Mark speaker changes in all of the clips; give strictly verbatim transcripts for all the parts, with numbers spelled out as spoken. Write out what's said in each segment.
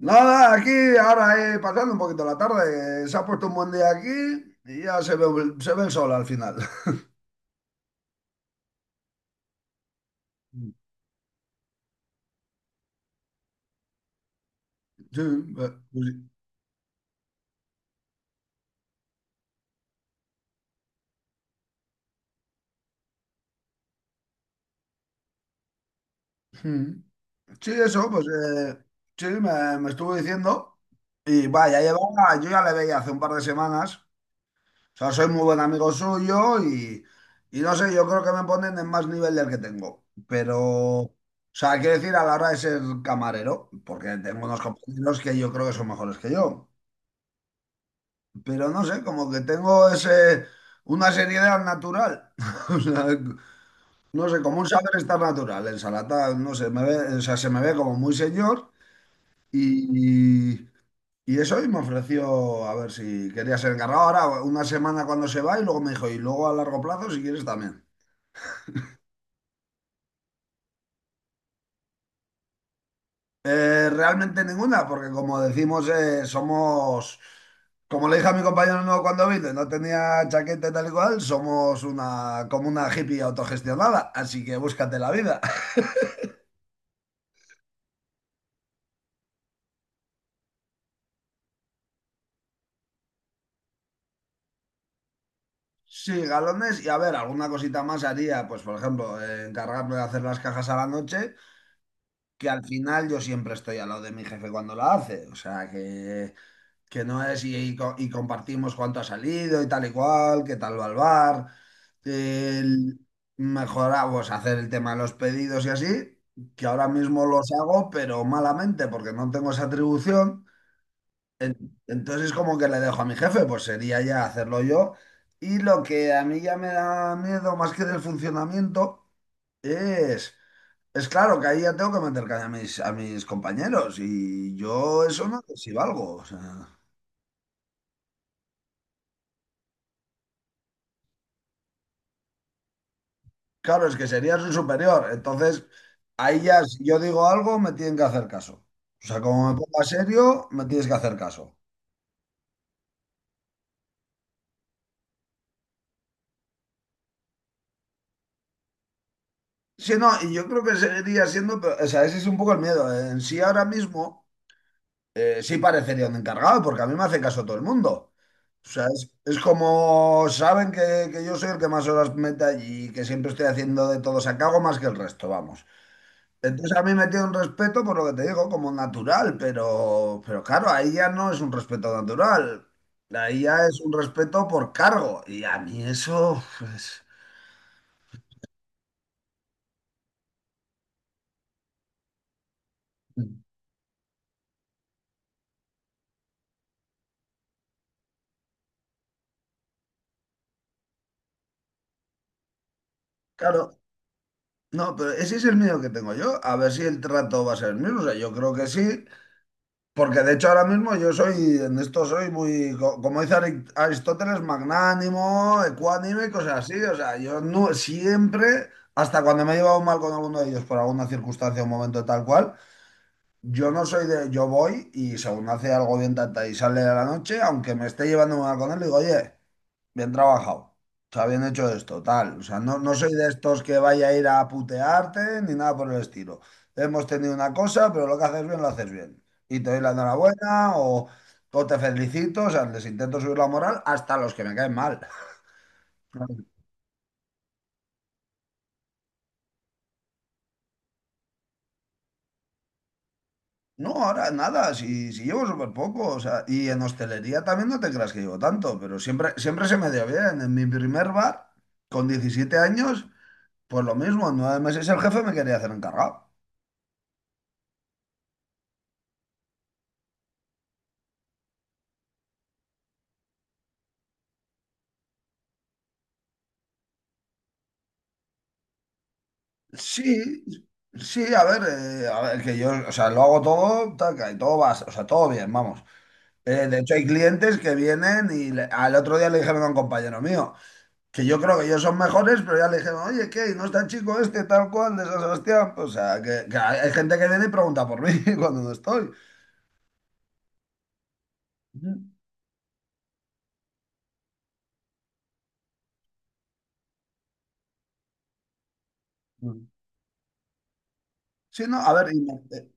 Speaker 1: Nada, aquí ahora eh, pasando un poquito la tarde, eh, se ha puesto un buen día aquí y ya se ve, se ve el sol al final. Sí, eh, pues sí. Mm. Sí, eso, pues eh, sí, me, me estuvo diciendo y vaya, llevaba, yo ya le veía hace un par de semanas, o sea, soy muy buen amigo suyo y, y no sé, yo creo que me ponen en más nivel del que tengo, pero, o sea, quiero decir, a la hora de ser camarero, porque tengo unos compañeros que yo creo que son mejores que yo. Pero no sé, como que tengo ese, una seriedad natural. O sea, no sé, como un saber estar natural. En Salata, no sé, me ve, o sea, se me ve como muy señor y, y, y eso y me ofreció a ver si quería ser encargado. Ahora, una semana cuando se va y luego me dijo, y luego a largo plazo si quieres también. Eh, realmente ninguna, porque como decimos, eh, somos, como le dije a mi compañero nuevo cuando vino, no tenía chaqueta y tal y cual, somos una, como una hippie autogestionada, así que búscate la vida. Sí, galones y a ver, alguna cosita más haría, pues por ejemplo, eh, encargarme de hacer las cajas a la noche, que al final yo siempre estoy al lado de mi jefe cuando la hace, o sea que que no es y, y co- y compartimos cuánto ha salido y tal y cual, qué tal va el bar, el mejorar, pues hacer el tema de los pedidos y así, que ahora mismo los hago, pero malamente porque no tengo esa atribución. En- Entonces como que le dejo a mi jefe, pues sería ya hacerlo yo. Y lo que a mí ya me da miedo más que del funcionamiento es. Es claro que ahí ya tengo que meter caña a mis, a mis compañeros y yo eso no sé si valgo. O sea. Claro, es que sería su superior. Entonces, ahí ya, si yo digo algo, me tienen que hacer caso. O sea, como me ponga serio, me tienes que hacer caso. Sí, no, y yo creo que seguiría siendo, pero, o sea, ese es un poco el miedo. En sí ahora mismo, eh, sí parecería un encargado, porque a mí me hace caso todo el mundo. O sea, es, es como saben que, que yo soy el que más horas mete allí y que siempre estoy haciendo de todo. O sea, que hago más que el resto, vamos. Entonces a mí me tiene un respeto por lo que te digo, como natural, pero, pero, claro, ahí ya no es un respeto natural, ahí ya es un respeto por cargo. Y a mí eso, pues, claro, no, pero ese es el miedo que tengo yo, a ver si el trato va a ser el mismo. O sea, yo creo que sí, porque de hecho ahora mismo yo soy, en esto soy muy, co- como dice Ari- Aristóteles, magnánimo, ecuánime, y cosas así. O sea, yo no, siempre, hasta cuando me he llevado mal con alguno de ellos por alguna circunstancia o momento tal cual. Yo no soy de, yo voy y según hace algo bien tata y sale de la noche, aunque me esté llevando una con él, digo, oye, bien trabajado, o sea, bien hecho esto, tal. O sea, no, no soy de estos que vaya a ir a putearte ni nada por el estilo. Hemos tenido una cosa, pero lo que haces bien, lo haces bien. Y te doy la enhorabuena o, o te felicito, o sea, les intento subir la moral hasta a los que me caen mal. No, ahora nada, si, si llevo súper poco, o sea, y en hostelería también no te creas que llevo tanto, pero siempre, siempre se me dio bien. En mi primer bar, con diecisiete años, pues lo mismo, en nueve meses el jefe me quería hacer encargado. Sí, sí, a ver, eh, a ver, que yo, o sea, lo hago todo, taca, y todo va, o sea, todo bien, vamos. Eh, de hecho, hay clientes que vienen y le- al otro día le dijeron a un compañero mío, que yo creo que ellos son mejores, pero ya le dijeron, oye, ¿qué? ¿No está el chico este tal cual de San Sebastián? O sea, que, que hay hay gente que viene y pregunta por mí cuando no estoy. Ujú. Sí, no, a ver, y, eh,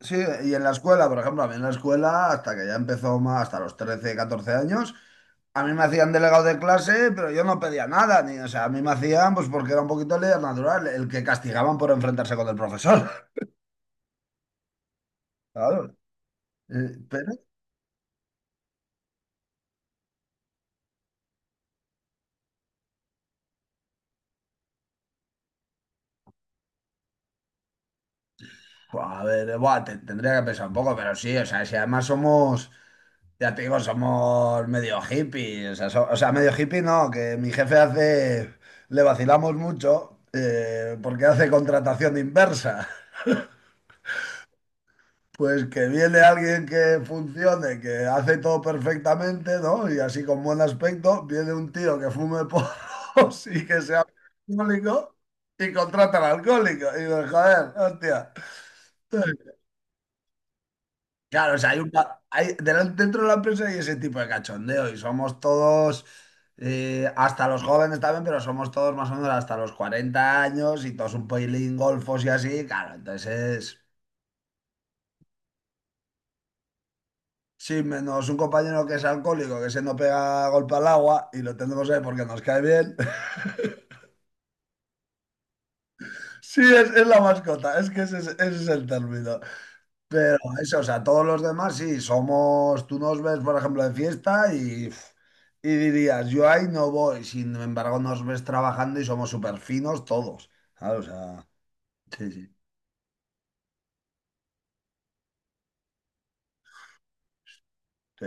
Speaker 1: sí, y en la escuela, por ejemplo, a mí en la escuela, hasta que ya empezó más, hasta los trece catorce años, a mí me hacían delegado de clase, pero yo no pedía nada, ni, o sea, a mí me hacían, pues porque era un poquito líder natural, el que castigaban por enfrentarse con el profesor, claro. Eh, pero, pues, a ver, eh, buah, te- tendría que pensar un poco, pero sí, o sea, si además somos. Ya te digo, somos medio hippies. O sea, so- o sea, medio hippie no, que mi jefe hace. Le vacilamos mucho eh, porque hace contratación inversa. Pues que viene alguien que funcione, que hace todo perfectamente, ¿no? Y así con buen aspecto, viene un tío que fume porros y que sea alcohólico y contrata al alcohólico. Y digo, joder, hostia. Claro, o sea, hay un, pa- hay- delante- dentro de la empresa hay ese tipo de cachondeo y somos todos, eh, hasta los jóvenes también, pero somos todos más o menos hasta los cuarenta años y todos un poilín golfos y así, claro, entonces, sí, menos un compañero que es alcohólico, que se nos pega golpe al agua y lo tenemos ahí porque nos cae bien. Sí, es, es la mascota, es que ese es, ese es el término. Pero eso, o sea, todos los demás sí, somos, tú nos ves, por ejemplo, de fiesta y, y dirías, yo ahí no voy, sin embargo nos ves trabajando y somos súper finos todos, ¿sabes? O sea, sí, sí, sí,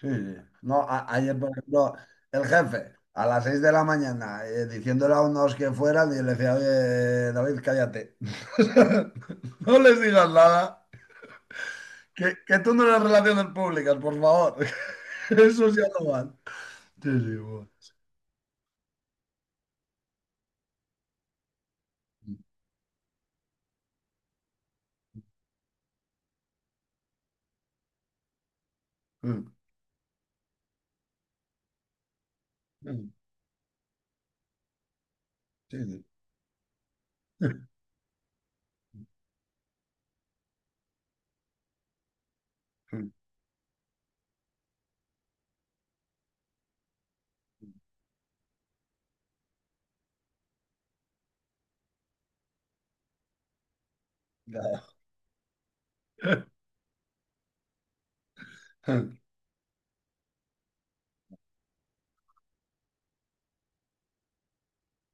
Speaker 1: sí, sí. No, a- ayer, por ejemplo, el jefe, a las seis de la mañana, eh, diciéndole a unos que fueran, y le decía, oye, David, cállate. No les digas nada, que, que tú no eres relaciones públicas, por favor. Eso ya no van. Sí, sí, bueno. Mm, sí, sí. Mm, ya.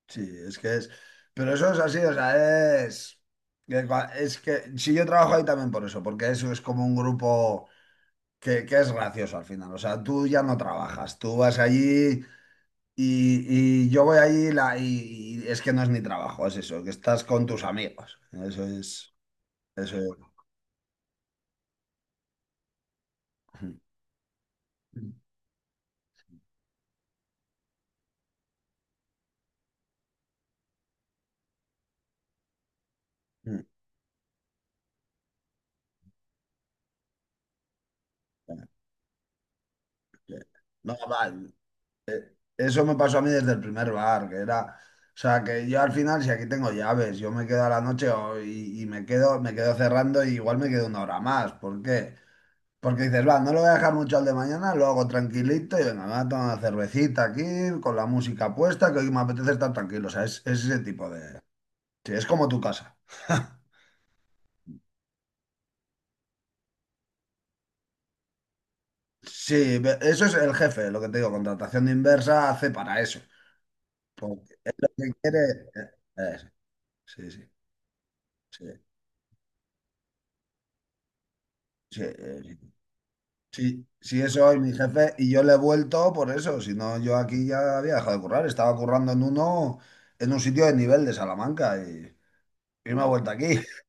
Speaker 1: Sí, es que es. Pero eso es así, o sea, es. que cua- Es que si yo trabajo ahí también por eso, porque eso es como un grupo que, que es gracioso al final. O sea, tú ya no trabajas, tú vas allí y, y yo voy allí la, y, y es que no es ni trabajo, es eso, que estás con tus amigos. Eso es. Eso es. No, va. Eso me pasó a mí desde el primer bar, que era, o sea, que yo al final, si aquí tengo llaves, yo me quedo a la noche o- y, y me quedo, me quedo cerrando y igual me quedo una hora más. ¿Por qué? Porque dices, va, no lo voy a dejar mucho al de mañana, lo hago tranquilito y venga, me voy a tomar una cervecita aquí, con la música puesta, que hoy me apetece estar tranquilo. O sea, es, es ese tipo de. Sí, es como tu casa. Sí, ve- eso es el jefe, lo que te digo, contratación inversa hace para eso. Porque lo que quiere. eh, eh, sí, sí, sí, sí, eh, sí, sí, eso es mi jefe y yo le he vuelto por eso, si no yo aquí ya había dejado de currar, estaba currando en uno, en un sitio de nivel de Salamanca y, y me he vuelto aquí.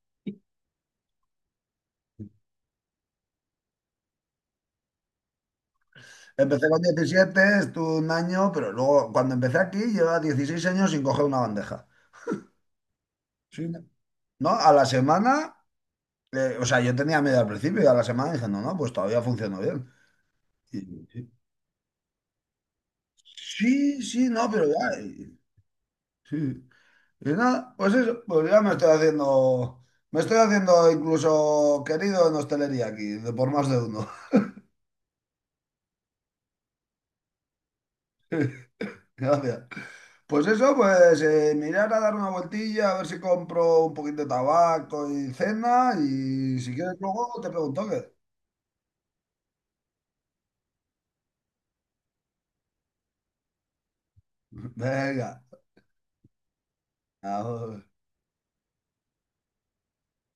Speaker 1: Empecé con diecisiete, estuve un año, pero luego cuando empecé aquí llevaba dieciséis años sin coger una bandeja. Sí, ¿no? No, a la semana, eh, o sea, yo tenía miedo al principio y a la semana dije, no, no, pues todavía funcionó bien. Y- y- sí, sí, no, pero ya, y- sí. Y nada, pues eso, pues ya me estoy haciendo, me estoy haciendo incluso querido en hostelería aquí, de por más de uno. Gracias. Pues eso, pues eh, mirar a dar una vueltilla, a ver si compro un poquito de tabaco y cena, y si quieres luego te pregunto qué. Venga, ahora.